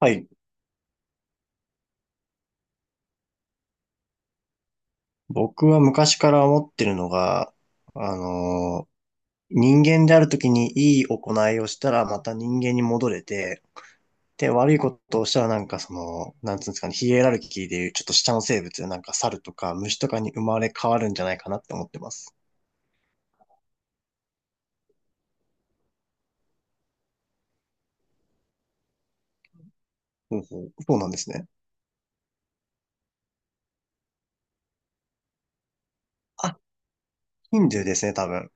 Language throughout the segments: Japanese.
はい。僕は昔から思ってるのが、あのー人間であるときにいい行いをしたらまた人間に戻れて、で、悪いことをしたらなんかその、なんつうんですかね、ヒエラルキーでいうちょっと下の生物なんか猿とか虫とかに生まれ変わるんじゃないかなって思ってます。ほうほう。そうなんですね。あ、ヒンドゥーですね、多分。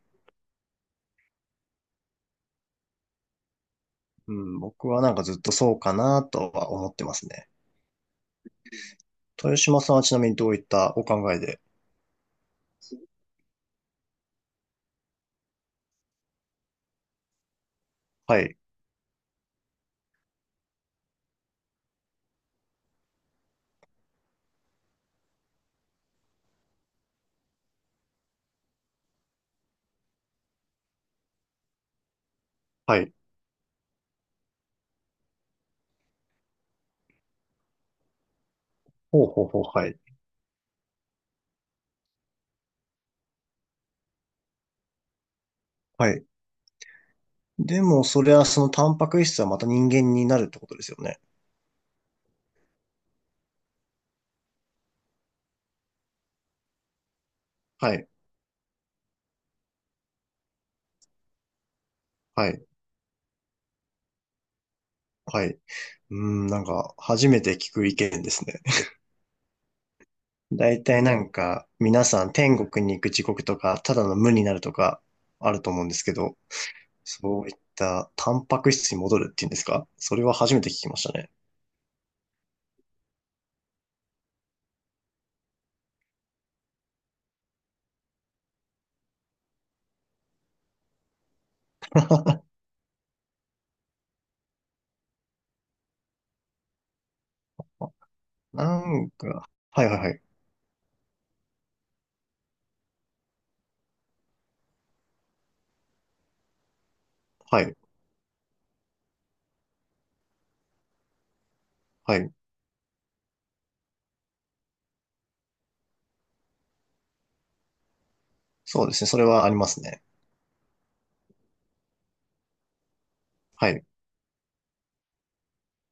うん、僕はなんかずっとそうかなとは思ってますね。豊島さんはちなみにどういったお考えで？はい。はい。ほうほうほう。はい。はい。でも、それはそのタンパク質はまた人間になるってことですよね。はい、はい、はい。うーん、なんか、初めて聞く意見ですね。だいたいなんか、皆さん天国に行く時刻とか、ただの無になるとか、あると思うんですけど、そういったタンパク質に戻るっていうんですか？それは初めて聞きましたね。なんか、はいはいはい、はい、はい。そうですね、それはありますね。はい。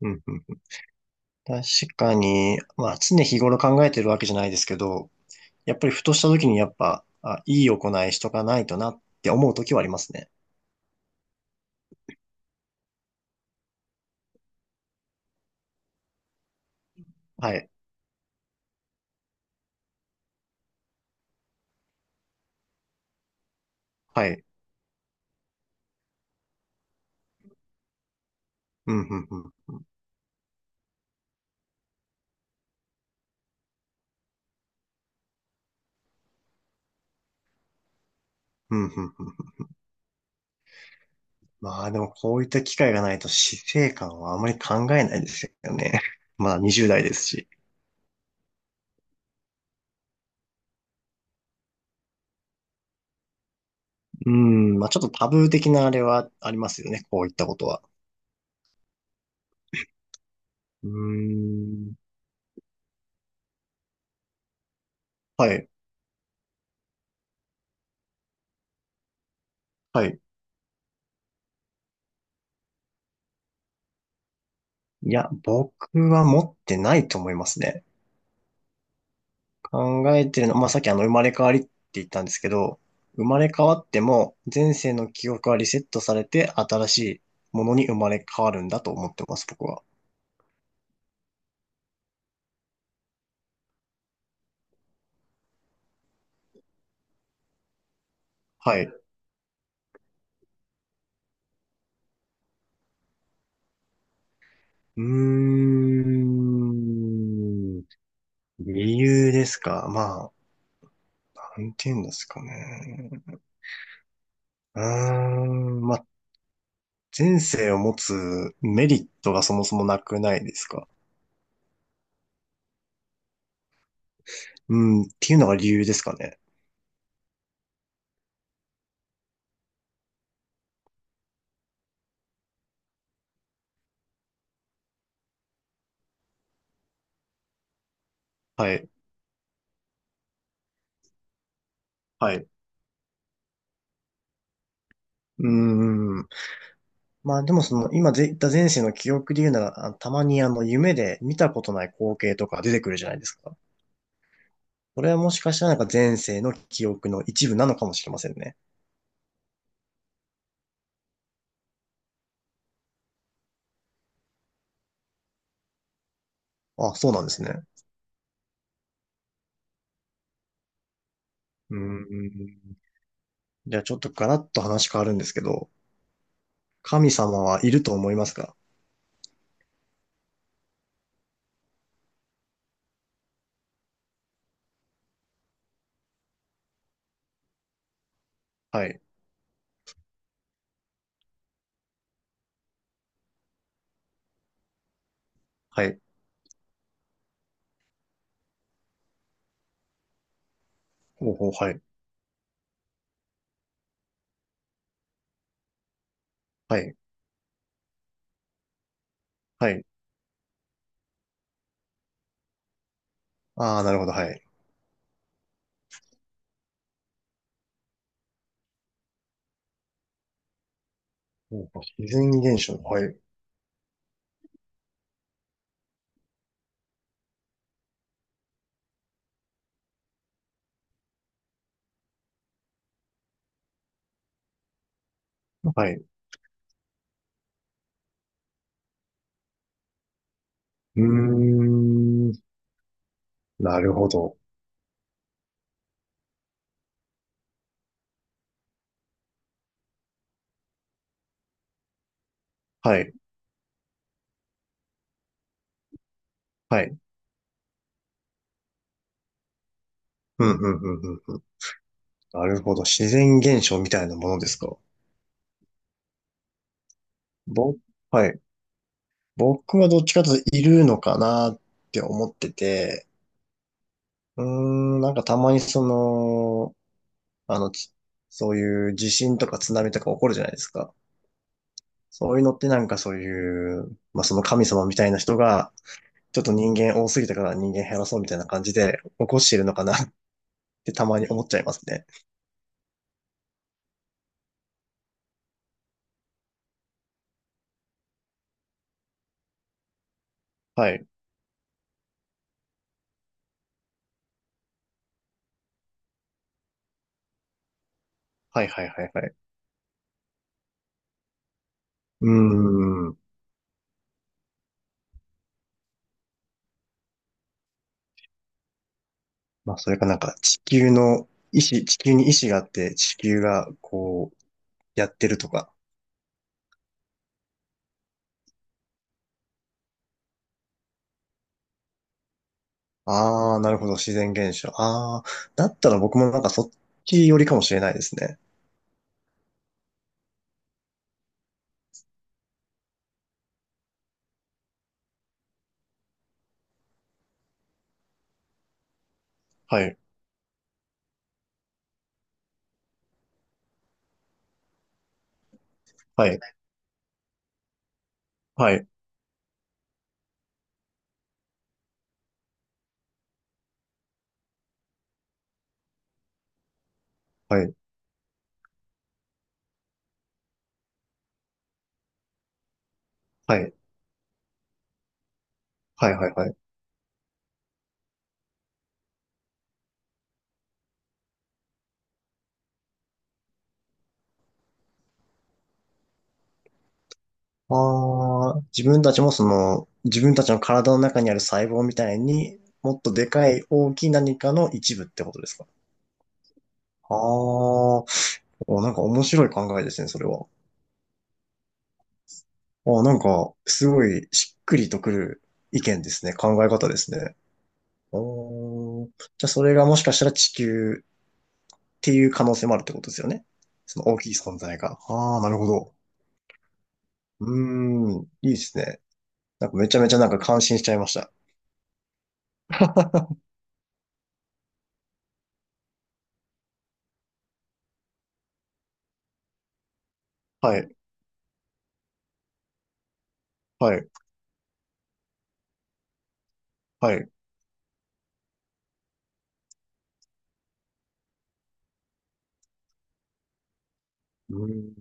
うんうん、確かに、まあ常日頃考えてるわけじゃないですけど、やっぱりふとした時にやっぱ、あ、いい行いしとかないとなって思う時はありますね。はい。はい。うん、うん、うん。うん、うん、うん。まあでもこういった機会がないと死生観はあまり考えないですよね。まだ20代ですし。うん、まあちょっとタブー的なあれはありますよね。こういったことは。うーん。はい。はい。いや、僕は持ってないと思いますね。考えてるの、まあ、さっきあの、生まれ変わりって言ったんですけど、生まれ変わっても、前世の記憶はリセットされて、新しいものに生まれ変わるんだと思ってます、僕は。はい。うーん。理由ですか。まあ、なんて言うんですかね。うーん。まあ、前世を持つメリットがそもそもなくないですか。うん。っていうのが理由ですかね。はい。はい。うーん。まあでもその今で言った前世の記憶で言うなら、あたまにあの夢で見たことない光景とか出てくるじゃないですか。これはもしかしたらなんか前世の記憶の一部なのかもしれませんね。あ、そうなんですね。うーん。じゃあちょっとガラッと話変わるんですけど、神様はいると思いますか？はい。はい。ほうほう、はい。はい。はい。ああ、なるほど、はい。ほうほう自然現象、はい。はい。うーん。なるほど。はい。はい。うん、うん、うん、うん、なるほど。自然現象みたいなものですか。ぼ、はい。僕はどっちかというといるのかなって思ってて、うーん、なんかたまにその、あの、つそういう地震とか津波とか起こるじゃないですか。そういうのってなんかそういう、まあその神様みたいな人が、ちょっと人間多すぎたから人間減らそうみたいな感じで起こしているのかなってたまに思っちゃいますね。はい。はいはいはいはい。うーん。まあ、それかなんか地球の意志、地球に意志があって地球がこうやってるとか。ああ、なるほど、自然現象。ああ、だったら僕もなんかそっち寄りかもしれないですね。はい、はい、はい、はい、はい、はい、はい、はい。ああ、自分たちもその、自分たちの体の中にある細胞みたいにもっとでかい大きい何かの一部ってことですか？ああー、おなんか面白い考えですね、それは。あ、なんか、すごいしっくりとくる意見ですね。考え方ですね。おーじゃあ、それがもしかしたら地球っていう可能性もあるってことですよね。その大きい存在が。ああ、なるほど。うーん、いいですね。なんかめちゃめちゃなんか感心しちゃいました。はい、はい、はい。ーん